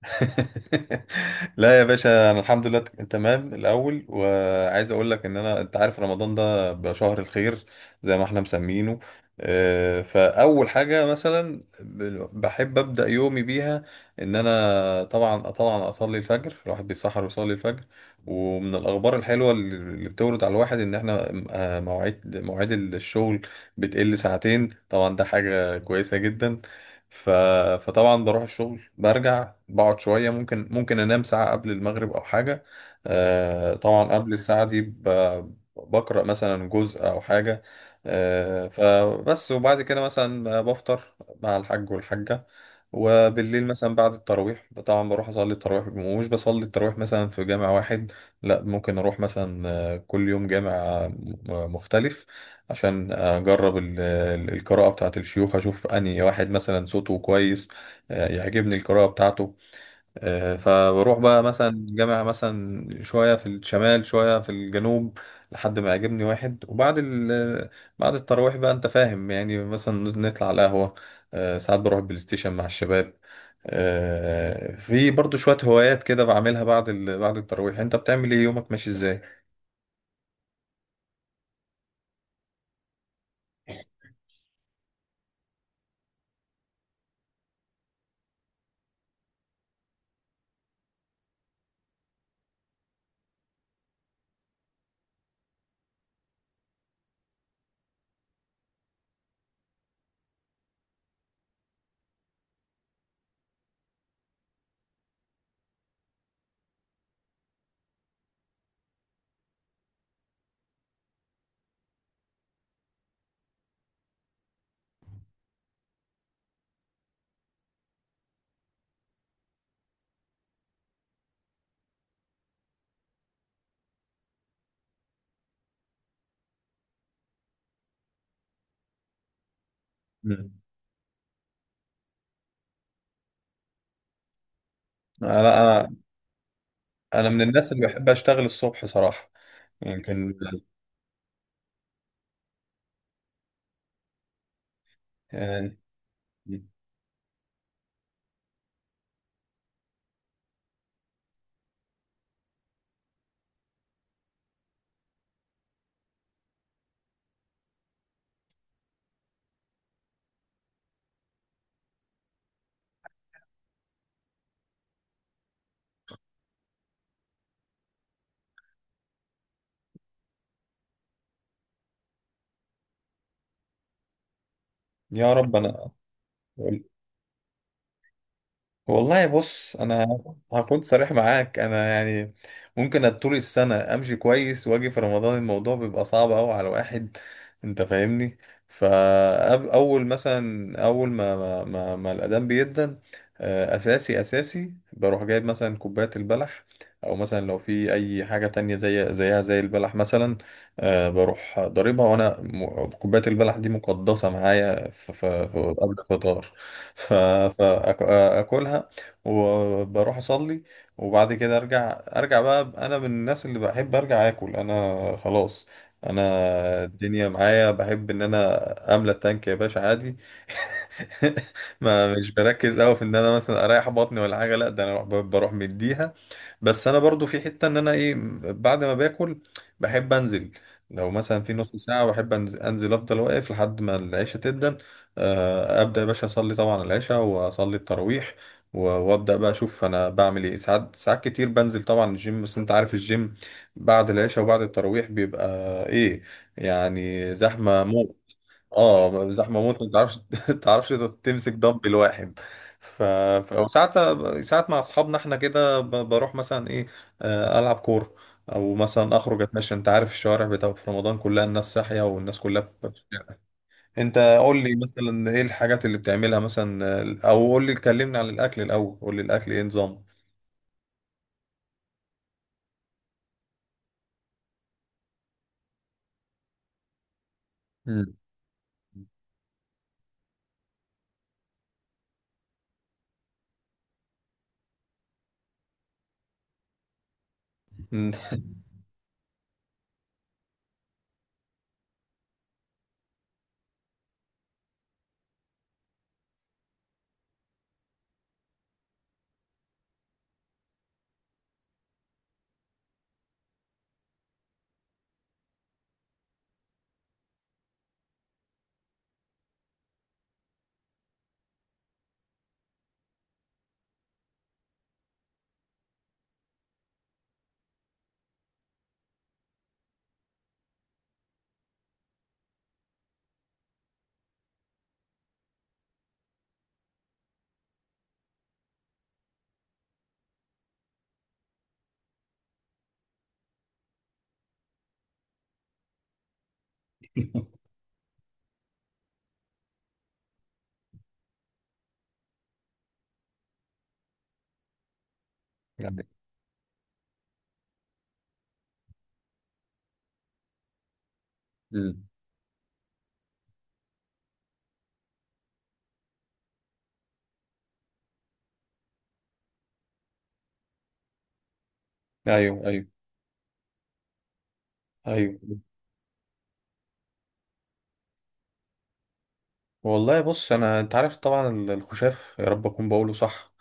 لا يا باشا انا الحمد لله تمام الاول، وعايز اقول لك ان انا انت عارف رمضان ده بيبقى شهر الخير زي ما احنا مسمينه. فاول حاجه مثلا بحب ابدا يومي بيها، ان انا طبعا اصلي الفجر، الواحد بيسحر ويصلي الفجر. ومن الاخبار الحلوه اللي بتورد على الواحد ان احنا، مواعيد الشغل بتقل ساعتين، طبعا ده حاجه كويسه جدا. ف... فطبعا بروح الشغل، برجع بقعد شوية، ممكن أنام ساعة قبل المغرب أو حاجة. طبعا قبل الساعة دي بقرأ مثلا جزء أو حاجة. فبس وبعد كده مثلا بفطر مع الحاج والحاجة. وبالليل مثلا بعد التراويح طبعا بروح أصلي التراويح، مش بصلي التراويح مثلا في جامع واحد، لا ممكن أروح مثلا كل يوم جامع مختلف، عشان اجرب القراءة بتاعة الشيوخ، اشوف انهي واحد مثلا صوته كويس، يعجبني القراءة بتاعته. فبروح بقى مثلا جامع، مثلا شوية في الشمال شوية في الجنوب، لحد ما يعجبني واحد. وبعد بعد التراويح بقى انت فاهم، يعني مثلا نطلع على القهوة. ساعات بروح بلاي ستيشن مع الشباب. في برضو شوية هوايات كده بعملها بعد التراويح. انت بتعمل ايه؟ يومك ماشي ازاي؟ مم. لا انا من الناس اللي بحب اشتغل الصبح صراحه. يعني كان... آه، يا رب. انا والله بص، انا هكون صريح معاك، انا يعني ممكن طول السنه امشي كويس واجي في رمضان الموضوع بيبقى صعب قوي على واحد، انت فاهمني؟ فاول مثلا، اول ما الاذان بيدن، اساسي اساسي بروح جايب مثلا كوبايه البلح، او مثلا لو في اي حاجه تانية زي البلح مثلا، بروح ضاربها وانا كوبايه البلح دي مقدسه معايا قبل الفطار. ف- فأك- اكلها وبروح اصلي. وبعد كده ارجع بقى، انا من الناس اللي بحب ارجع اكل. انا خلاص، انا الدنيا معايا، بحب ان انا املى التانك يا باشا عادي. ما مش بركز قوي في ان انا مثلا اريح بطني ولا حاجه، لا ده انا بروح مديها. بس انا برضو في حتة ان انا ايه، بعد ما باكل بحب انزل، لو مثلا في نص ساعة بحب أنزل افضل واقف لحد ما العشاء تبدأ. ابدأ يا باشا اصلي طبعا العشاء واصلي التراويح، وابدأ بقى اشوف انا بعمل ايه. ساعات ساعات كتير بنزل طبعا الجيم، بس انت عارف الجيم بعد العشاء وبعد التراويح بيبقى ايه، يعني زحمة موت. اه زحمه موت، ما تعرفش تعرفش، تمسك دمبل واحد. ف... وساعات، ساعات مع اصحابنا احنا كده، بروح مثلا ايه، العب كوره، او مثلا اخرج اتمشى. انت عارف الشوارع بتاع في رمضان كلها الناس صاحيه، والناس كلها بتبقى في الشارع. انت قول لي مثلا ايه الحاجات اللي بتعملها مثلا، او قول لي، كلمني عن الاكل الاول، قول لي الاكل ايه نظام؟ مم. مم. يعني. مم. ايوه، ايوه، ايوه. والله بص، انا انت عارف طبعا الخشاف، يا رب اكون بقوله صح،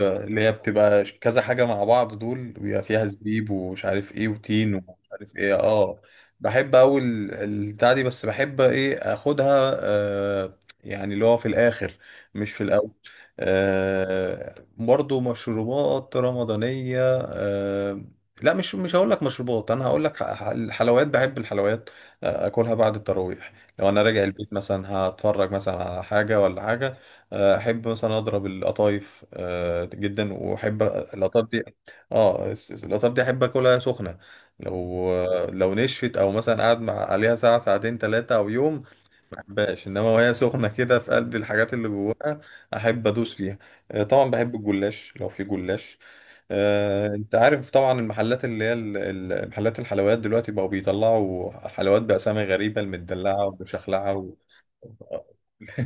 اللي هي بتبقى كذا حاجة مع بعض، دول بيبقى فيها زبيب ومش عارف ايه وتين ومش عارف ايه، اه. بحب اول البتاع دي، بس بحب ايه اخدها، يعني اللي هو في الاخر مش في الاول. برضو مشروبات رمضانية. لا، مش هقول لك مشروبات، انا هقول لك الحلويات. بحب الحلويات، اكلها بعد التراويح. لو انا راجع البيت مثلا هتفرج مثلا على حاجة ولا حاجة، احب مثلا اضرب القطايف جدا، واحب القطايف دي. اه القطايف دي احب اكلها سخنه، لو لو نشفت او مثلا قاعد مع عليها ساعه ساعتين ثلاثه او يوم، ما بحبهاش. انما وهي سخنه كده في قلب الحاجات اللي جواها، احب ادوس فيها. طبعا بحب الجلاش لو في جلاش. انت عارف طبعا المحلات اللي هي محلات الحلويات دلوقتي بقوا بيطلعوا حلويات بأسامي غريبة، المدلعة والمشخلعة و...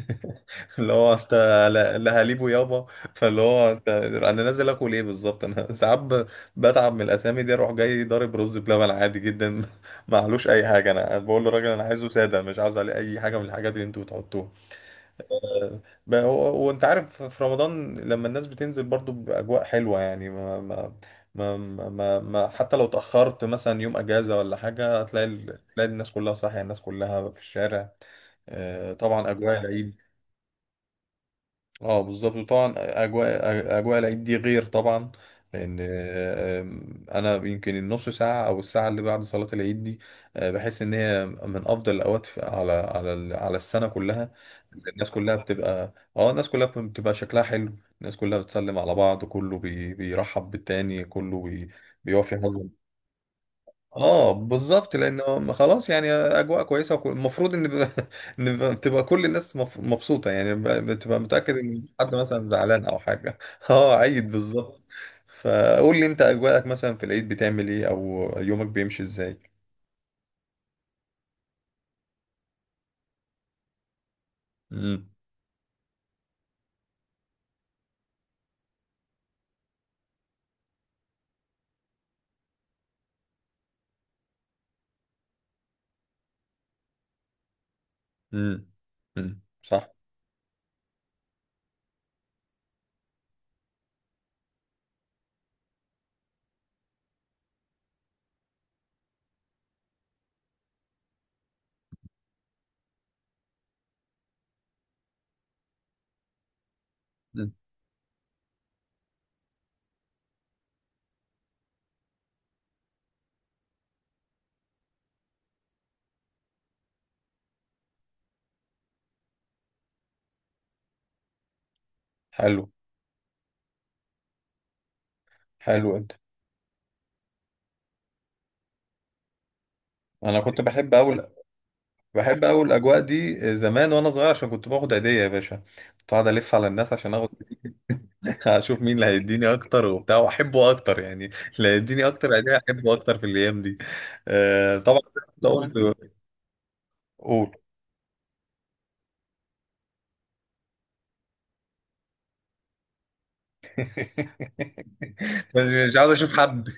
اللي هو انت، لا لا، هليبه يابا. فاللي هو انت، انا نازل اكل ايه بالظبط؟ انا ساعات بتعب من الاسامي دي، اروح جاي ضارب رز بلبن عادي جدا. معلوش اي حاجه، انا بقول للراجل انا عايزه ساده، مش عاوز عليه اي حاجه من الحاجات اللي انتوا بتحطوها بقى. هو وانت عارف في رمضان لما الناس بتنزل برضو بأجواء حلوة يعني، حتى لو تأخرت مثلا يوم أجازة ولا حاجة، هتلاقي تلاقي الناس كلها صاحية، الناس كلها في الشارع. طبعا أجواء العيد. اه بالظبط، وطبعا اجواء العيد دي غير طبعا. لان انا يمكن النص ساعه او الساعه اللي بعد صلاه العيد دي، بحس ان هي من افضل الاوقات على السنه كلها. الناس كلها بتبقى، اه الناس كلها بتبقى شكلها حلو، الناس كلها بتسلم على بعض، كله بيرحب بالتاني، كله بيوفي حظ. اه بالظبط، لانه خلاص يعني اجواء كويسه، المفروض ان ان تبقى كل الناس مبسوطه، يعني بتبقى متاكد ان مفيش حد مثلا زعلان او حاجه. اه، عيد بالظبط. فقول لي انت اجواءك مثلا في العيد بتعمل ايه، او يومك بيمشي ازاي؟ امم. امم. صح. مم. حلو. حلو. انت، انا كنت بحب اول، بحب اول الاجواء دي زمان وانا صغير، عشان كنت باخد عيديه يا باشا. كنت قاعد الف على الناس عشان اخد، هشوف مين اللي هيديني اكتر وبتاع واحبه اكتر يعني، اللي هيديني اكتر يعني احبه اكتر في الايام دي. آه طبعا. ده قلت، قول. بس مش عايز اشوف حد.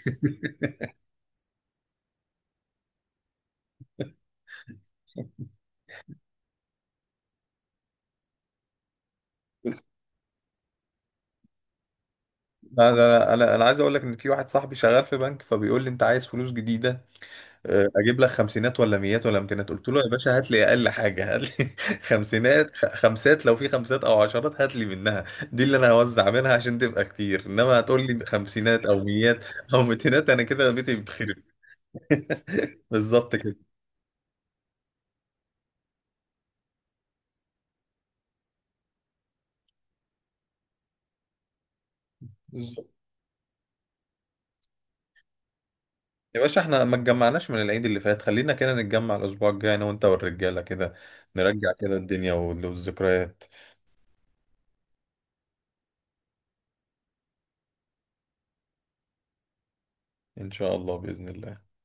لا، ده انا انا أنا عايز اقول لك ان في واحد صاحبي شغال في بنك، فبيقول لي انت عايز فلوس جديده؟ اجيب لك خمسينات ولا ميات ولا امتينات؟ قلت له يا باشا هات لي اقل حاجه، هات لي خمسينات، خمسات لو في خمسات او عشرات هات لي منها. دي اللي انا هوزع منها عشان تبقى كتير، انما هتقول لي خمسينات او ميات او ميتينات، انا كده بيتي بيتخرب. بالظبط كده. بز- يا باشا احنا ما اتجمعناش من العيد اللي فات، خلينا كده نتجمع الاسبوع الجاي، انا وانت والرجاله كده، نرجع كده الدنيا والذكريات. ان شاء الله، باذن الله.